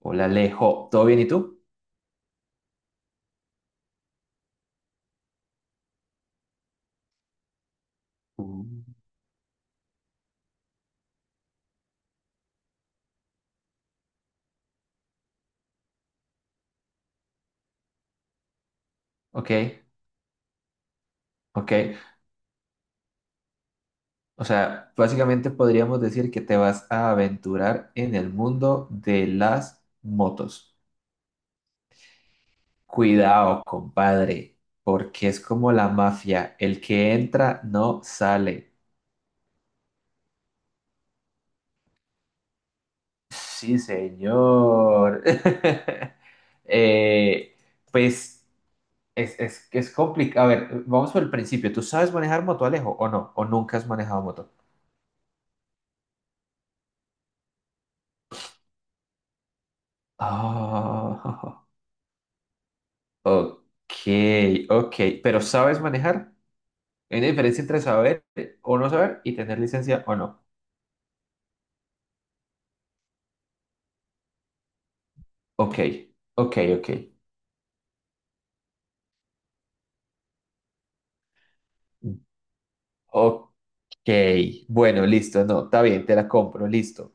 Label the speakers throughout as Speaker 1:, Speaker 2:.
Speaker 1: Hola Alejo, ¿todo bien y tú? Mm. Ok, ok. O sea, básicamente podríamos decir que te vas a aventurar en el mundo de las motos. Cuidado, compadre, porque es como la mafia, el que entra no sale. Sí, señor. Eh, pues es complicado. A ver, vamos por el principio. ¿Tú sabes manejar moto, Alejo, o no? ¿O nunca has manejado moto? Ah. Ok, ok. Pero ¿sabes manejar? Hay una diferencia entre saber o no saber y tener licencia o no. Ok, ok, ok. Ok. Bueno, listo. No, está bien, te la compro, listo.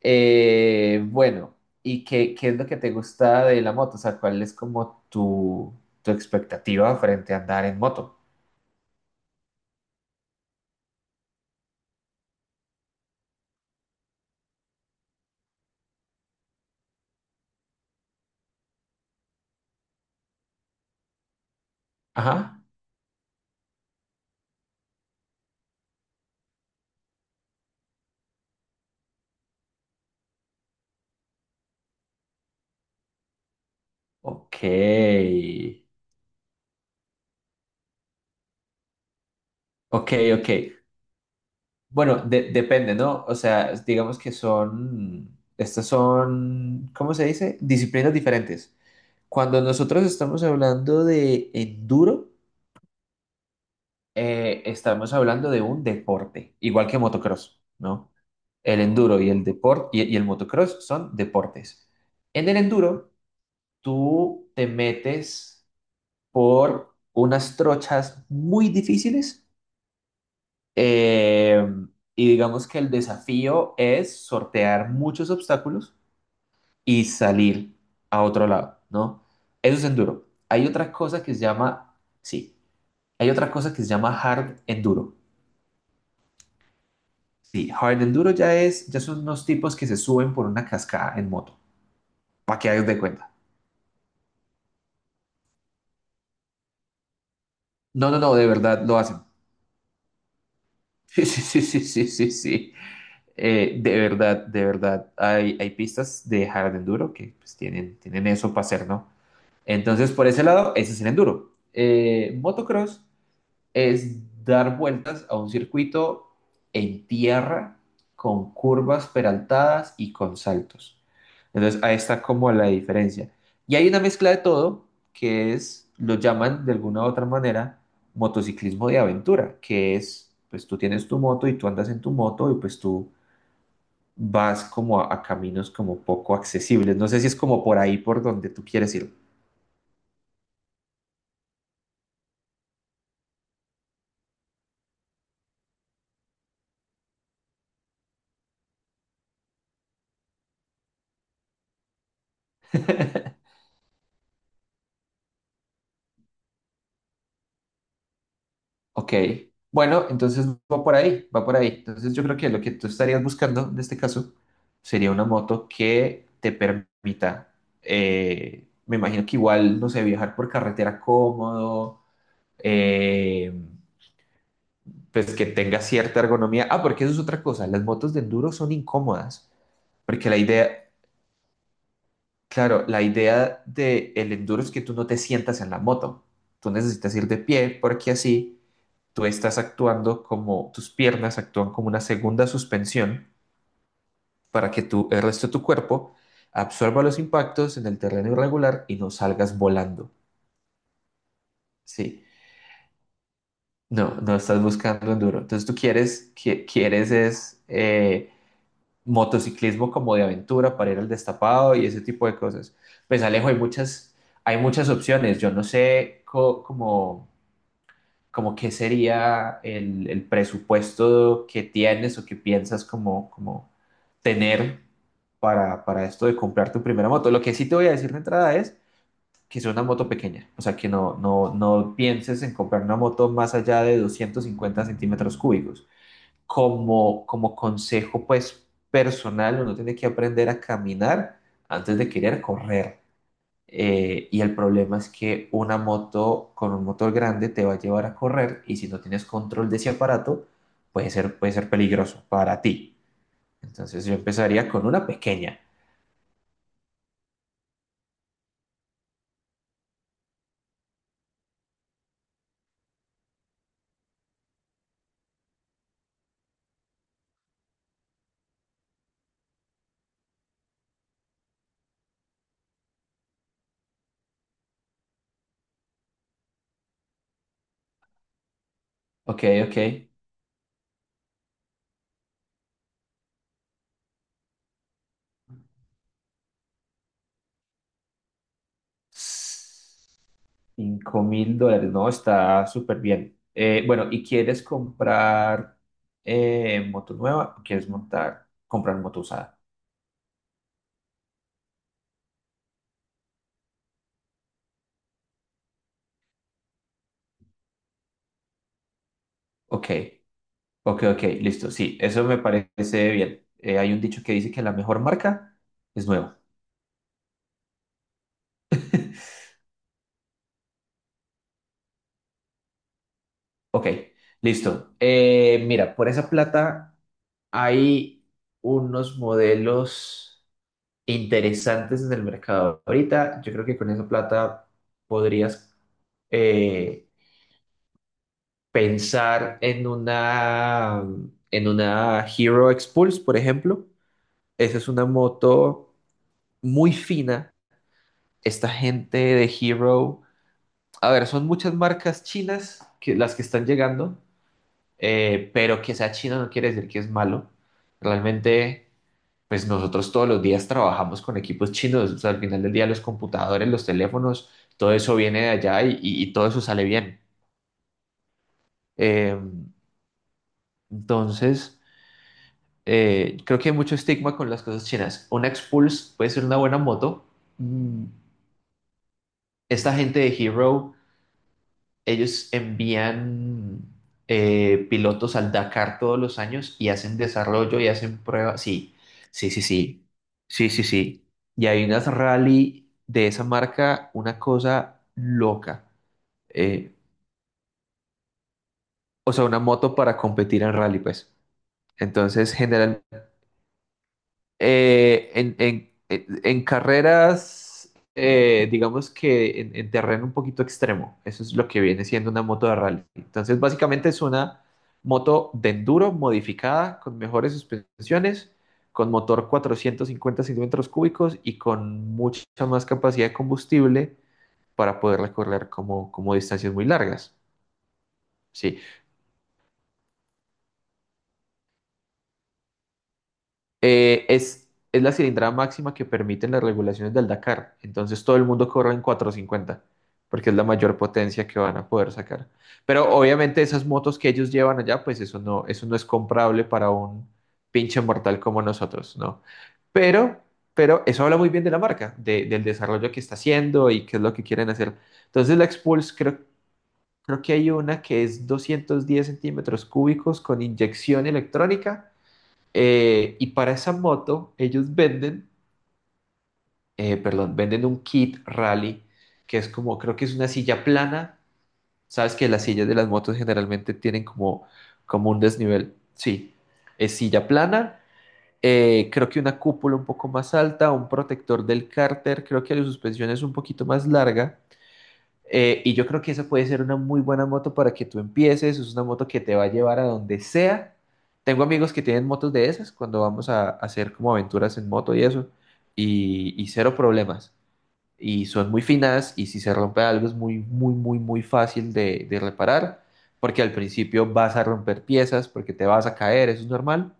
Speaker 1: Bueno, ¿y qué es lo que te gusta de la moto? O sea, ¿cuál es como tu expectativa frente a andar en moto? Ajá. Ok. Ok, ok. Bueno, depende, ¿no? O sea, digamos que son, estas son, ¿cómo se dice? Disciplinas diferentes. Cuando nosotros estamos hablando de enduro, estamos hablando de un deporte, igual que motocross, ¿no? El enduro y el deporte y el motocross son deportes. En el enduro, tú te metes por unas trochas muy difíciles. Eh, y digamos que el desafío es sortear muchos obstáculos y salir a otro lado, ¿no? Eso es enduro. Hay otra cosa que se llama, sí, hay otra cosa que se llama hard enduro. Sí, hard enduro ya es, ya son unos tipos que se suben por una cascada en moto, para que hagas de cuenta. No, no, no, de verdad lo hacen. Sí, sí, sí, sí, sí, sí, sí. De verdad, de verdad, hay pistas de hard enduro que pues, tienen eso para hacer, ¿no? Entonces, por ese lado, ese es el enduro. Motocross es dar vueltas a un circuito en tierra con curvas peraltadas y con saltos. Entonces, ahí está como la diferencia. Y hay una mezcla de todo que es, lo llaman de alguna u otra manera, motociclismo de aventura, que es, pues tú tienes tu moto y tú andas en tu moto y pues tú vas como a caminos como poco accesibles. No sé si es como por ahí por donde tú quieres ir. Ok. Bueno, entonces va por ahí, va por ahí. Entonces yo creo que lo que tú estarías buscando en este caso sería una moto que te permita, me imagino que igual, no sé, viajar por carretera cómodo, eh, pues que tenga cierta ergonomía. Ah, porque eso es otra cosa, las motos de enduro son incómodas, porque la idea, claro, la idea del enduro es que tú no te sientas en la moto, tú necesitas ir de pie porque así tú estás actuando como, tus piernas actúan como una segunda suspensión para que tú, el resto de tu cuerpo absorba los impactos en el terreno irregular y no salgas volando. Sí, no, no estás buscando enduro. Entonces tú quieres, quieres es motociclismo como de aventura para ir al destapado y ese tipo de cosas. Pues Alejo, hay muchas opciones. Yo no sé cómo como qué sería el presupuesto que tienes o que piensas como tener para esto de comprar tu primera moto. Lo que sí te voy a decir de entrada es que es una moto pequeña, o sea, que no, no, no pienses en comprar una moto más allá de 250 centímetros cúbicos. Como consejo, pues, personal, uno tiene que aprender a caminar antes de querer correr. Y el problema es que una moto con un motor grande te va a llevar a correr y si no tienes control de ese aparato, puede ser peligroso para ti. Entonces yo empezaría con una pequeña. Ok, ok. 5.000 dólares, no, está súper bien. Bueno, ¿y quieres comprar moto nueva o quieres montar, comprar moto usada? Ok, ok, ok, listo. Sí, eso me parece bien. Hay un dicho que dice que la mejor marca es nueva. Ok, listo. Mira, por esa plata hay unos modelos interesantes en el mercado ahorita. Yo creo que con esa plata podrías eh, pensar en una Hero Expulse, por ejemplo. Esa es una moto muy fina. Esta gente de Hero, a ver, son muchas marcas chinas que, las que están llegando. Pero que sea chino no quiere decir que es malo. Realmente, pues nosotros todos los días trabajamos con equipos chinos. O sea, al final del día los computadores, los teléfonos, todo eso viene de allá y todo eso sale bien. Eh, entonces, creo que hay mucho estigma con las cosas chinas. Una Expulse puede ser una buena moto. Mm. Esta gente de Hero ellos envían pilotos al Dakar todos los años y hacen desarrollo y hacen pruebas. Sí, sí, sí, sí. Sí, sí, sí. Y hay unas rally de esa marca, una cosa loca. Eh, o sea, una moto para competir en rally, pues. Entonces, general, en carreras, digamos que en terreno un poquito extremo, eso es lo que viene siendo una moto de rally. Entonces, básicamente es una moto de enduro modificada con mejores suspensiones, con motor 450 centímetros cúbicos y con mucha más capacidad de combustible para poder recorrer como distancias muy largas. Sí, es la cilindrada máxima que permiten las regulaciones del Dakar. Entonces todo el mundo corre en 450 porque es la mayor potencia que van a poder sacar. Pero obviamente esas motos que ellos llevan allá, pues eso no es comprable para un pinche mortal como nosotros, ¿no? Pero, pero eso habla muy bien de la marca, del desarrollo que está haciendo y qué es lo que quieren hacer. Entonces la Expulse creo que hay una que es 210 centímetros cúbicos con inyección electrónica y para esa moto, ellos venden, perdón, venden un kit rally, que es como, creo que es una silla plana. Sabes que las sillas de las motos generalmente tienen como un desnivel. Sí, es silla plana. Creo que una cúpula un poco más alta, un protector del cárter, creo que la suspensión es un poquito más larga. Y yo creo que esa puede ser una muy buena moto para que tú empieces. Es una moto que te va a llevar a donde sea. Tengo amigos que tienen motos de esas cuando vamos a hacer como aventuras en moto y eso. Y cero problemas. Y son muy finas y si se rompe algo es muy, muy, muy, muy fácil de reparar. Porque al principio vas a romper piezas, porque te vas a caer, eso es normal.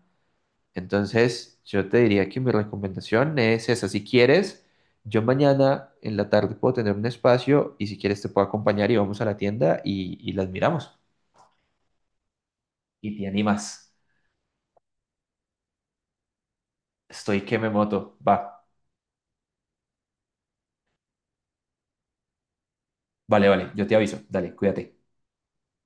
Speaker 1: Entonces, yo te diría que mi recomendación es esa. Si quieres, yo mañana en la tarde puedo tener un espacio y si quieres te puedo acompañar y vamos a la tienda y las miramos. Y te animas. Estoy que me moto. Va. Vale, vale. Yo te aviso. Dale, cuídate.